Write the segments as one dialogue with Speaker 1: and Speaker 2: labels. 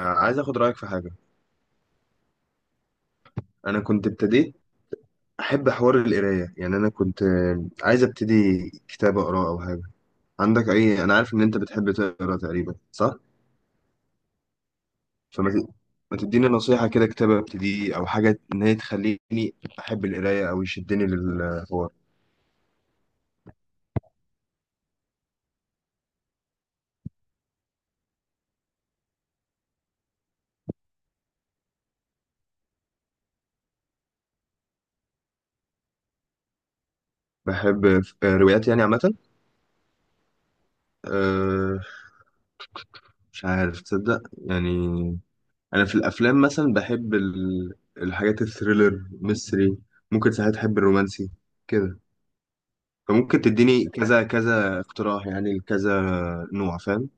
Speaker 1: عايز اخد رايك في حاجه. انا كنت ابتديت احب حوار القرايه. يعني انا كنت عايز ابتدي كتاب اقراه او حاجه. عندك اي؟ انا عارف ان انت بتحب تقرا تقريبا، صح؟ فما ت- ما تديني نصيحه كده، كتاب ابتديه او حاجه، ان هي تخليني احب القرايه او يشدني للحوار. بحب روايات يعني عامه. أه. مش عارف، تصدق يعني، انا في الافلام مثلا بحب الحاجات الثريلر ميستري. ممكن ساعات احب الرومانسي كده. فممكن تديني كذا كذا اقتراح، يعني كذا نوع، فاهم؟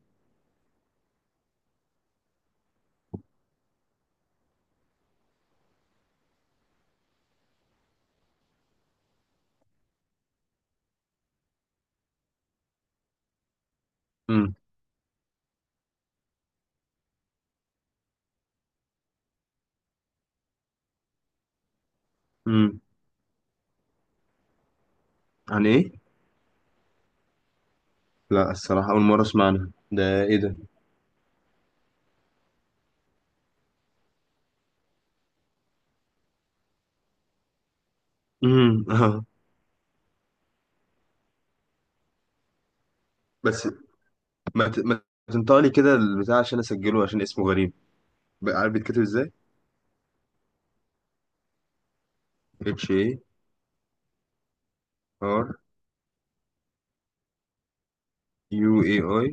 Speaker 1: امم امم. عن ايه؟ لا الصراحة أول مرة أسمع عنها، ده ايه ده؟ امم، اه. بس ما تنطقلي كده البتاع عشان أسجله، عشان اسمه غريب بقى، عارف بيتكتب ازاي. اتش اي، ار، يو اي، اي،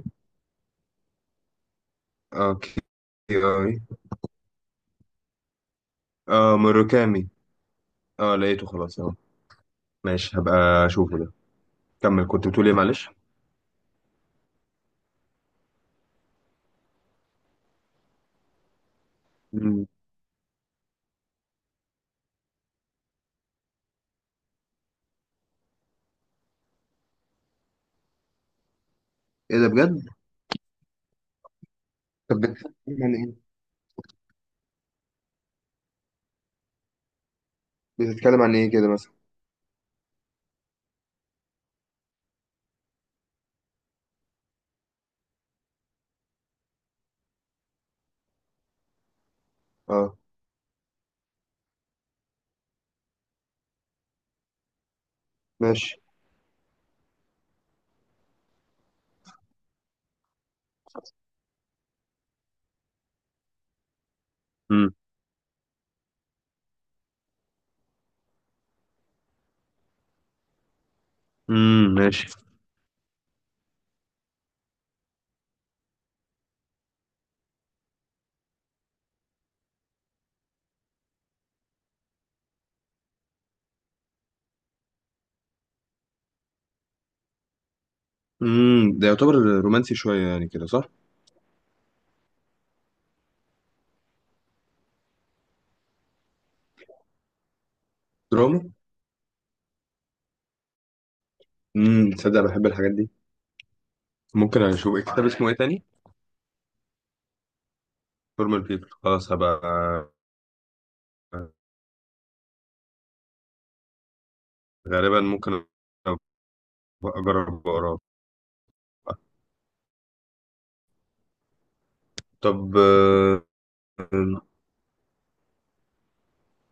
Speaker 1: اه كي، اي، اه مروكامي. اه لقيته خلاص اهو. ماشي، هبقى اشوفه ده. كمل كنت بتقول ايه، معلش. مم. ايه ده، بجد؟ طب بتتكلم عن ايه؟ بتتكلم عن ايه كده مثلا؟ اه. ماشي. امم، ماشي. امم، ده يعتبر رومانسي شويه يعني كده، صح؟ دراما. تصدق بحب الحاجات دي. ممكن اشوف كتاب اسمه ايه تاني؟ فورمال بيبل، خلاص هبقى غالبا ممكن أبقى اجرب اقراه. طب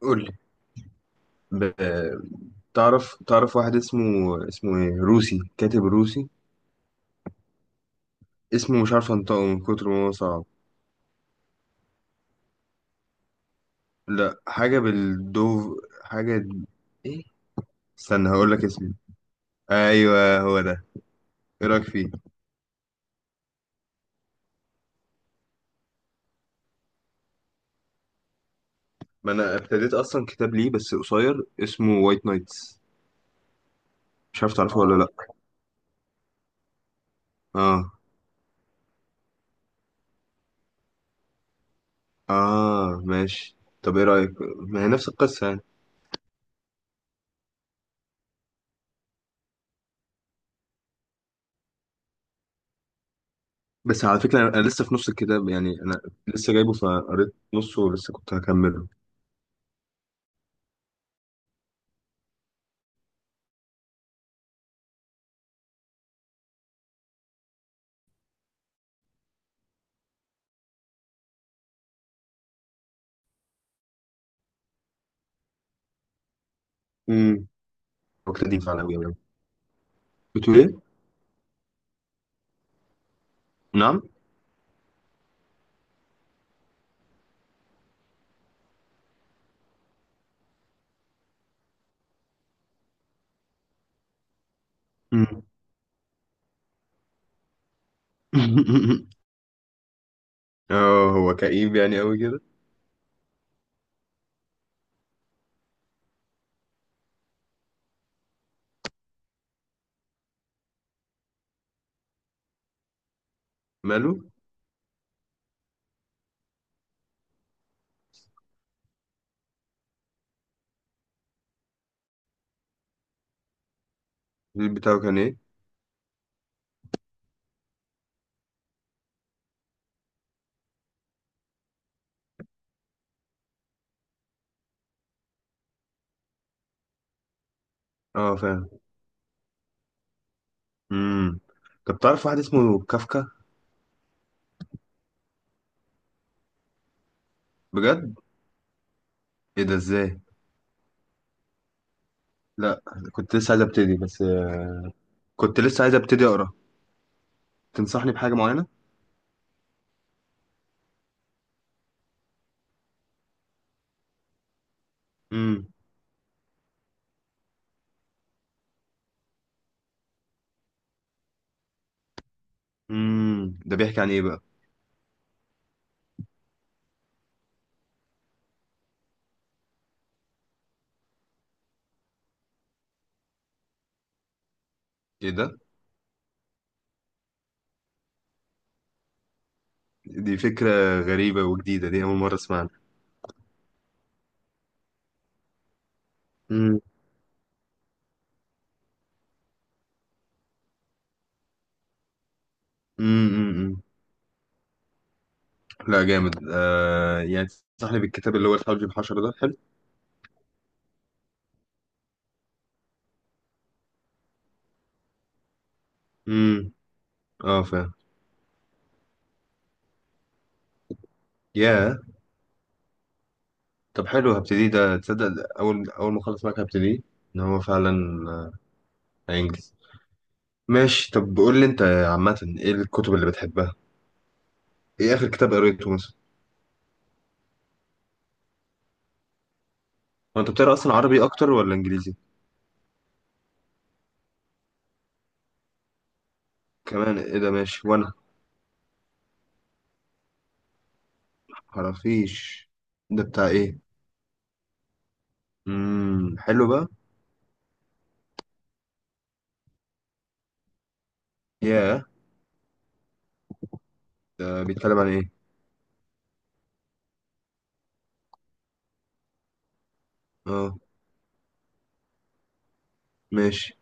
Speaker 1: قول لي. ب- تعرف واحد اسمه، اسمه ايه، روسي، كاتب روسي اسمه مش عارف انطقه من كتر ما هو صعب. لا، حاجه بالدوف، حاجه ايه، استنى هقول لك اسمه. ايوه، هو ده. ايه رايك فيه؟ ما انا ابتديت اصلا كتاب ليه بس قصير، اسمه وايت نايتس. مش عارف تعرفه ولا؟ اه، لا. اه. اه ماشي، طب ايه رايك؟ ما هي نفس القصه يعني. بس على فكره انا لسه في نص الكتاب يعني، انا لسه جايبه فقريت نصه ولسه كنت هكمله. امم دي فعلا قوي يعني. بتقول ايه؟ نعم. امم. اه هو كئيب يعني قوي كده. ماله؟ البيت بتاعه كان ايه؟ اه فاهم. امم طب تعرف واحد اسمه كافكا؟ بجد؟ ايه ده ازاي؟ لا، كنت لسه عايز ابتدي بس، كنت لسه عايز ابتدي اقرا. تنصحني بحاجه معينه؟ امم ده بيحكي عن ايه بقى؟ ايه ده، دي فكره غريبه وجديده، دي اول مره اسمعها. امم امم امم لا جامد يعني. تنصحني بالكتاب اللي هو الحوجي بحشرة ده، حلو؟ امم، اه فاهم. يا طب حلو، هبتدي ده. تصدق ده اول اول ما اخلص معاك هبتدي. ان هو فعلا آه، هينجز. ماشي، طب قول لي انت عامه ايه الكتب اللي بتحبها، ايه اخر كتاب قريته مثلا؟ هو انت بتقرا اصلا عربي اكتر ولا انجليزي؟ كمان ايه ده، ماشي وانا. خرافيش، ده بتاع ايه؟ امم، حلو بقى. ياه، ده بيتكلم عن ايه؟ اه، ماشي.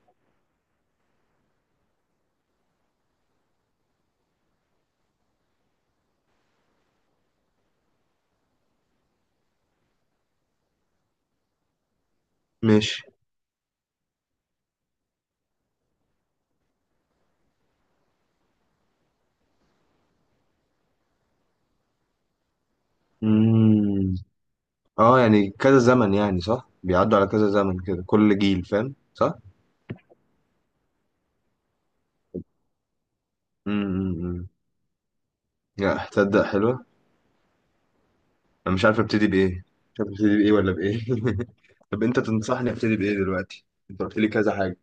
Speaker 1: ماشي، امم، اه، يعني كذا زمن يعني صح، بيعدوا على كذا زمن كده، كل جيل، فاهم صح؟ امم. لا تصدق حلوة. انا مش عارف ابتدي بايه، مش عارف ابتدي بايه ولا بايه. طب انت تنصحني ابتدي بايه دلوقتي، انت قلت لي كذا حاجة.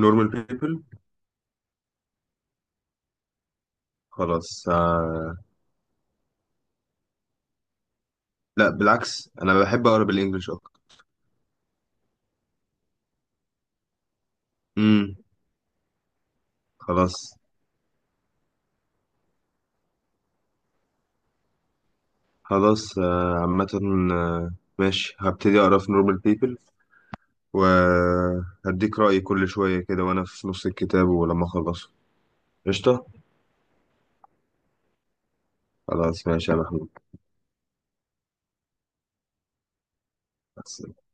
Speaker 1: نورمال بيبل، خلاص. آه. لا بالعكس، انا بحب اقرا بالانجلش اكتر. امم. خلاص. خلاص عامة. آه، ماشي، هبتدي أقرأ في نورمال بيبل وهديك رأيي كل شوية كده وأنا في نص الكتاب ولما أخلصه. قشطة؟ خلاص ماشي يا محمود.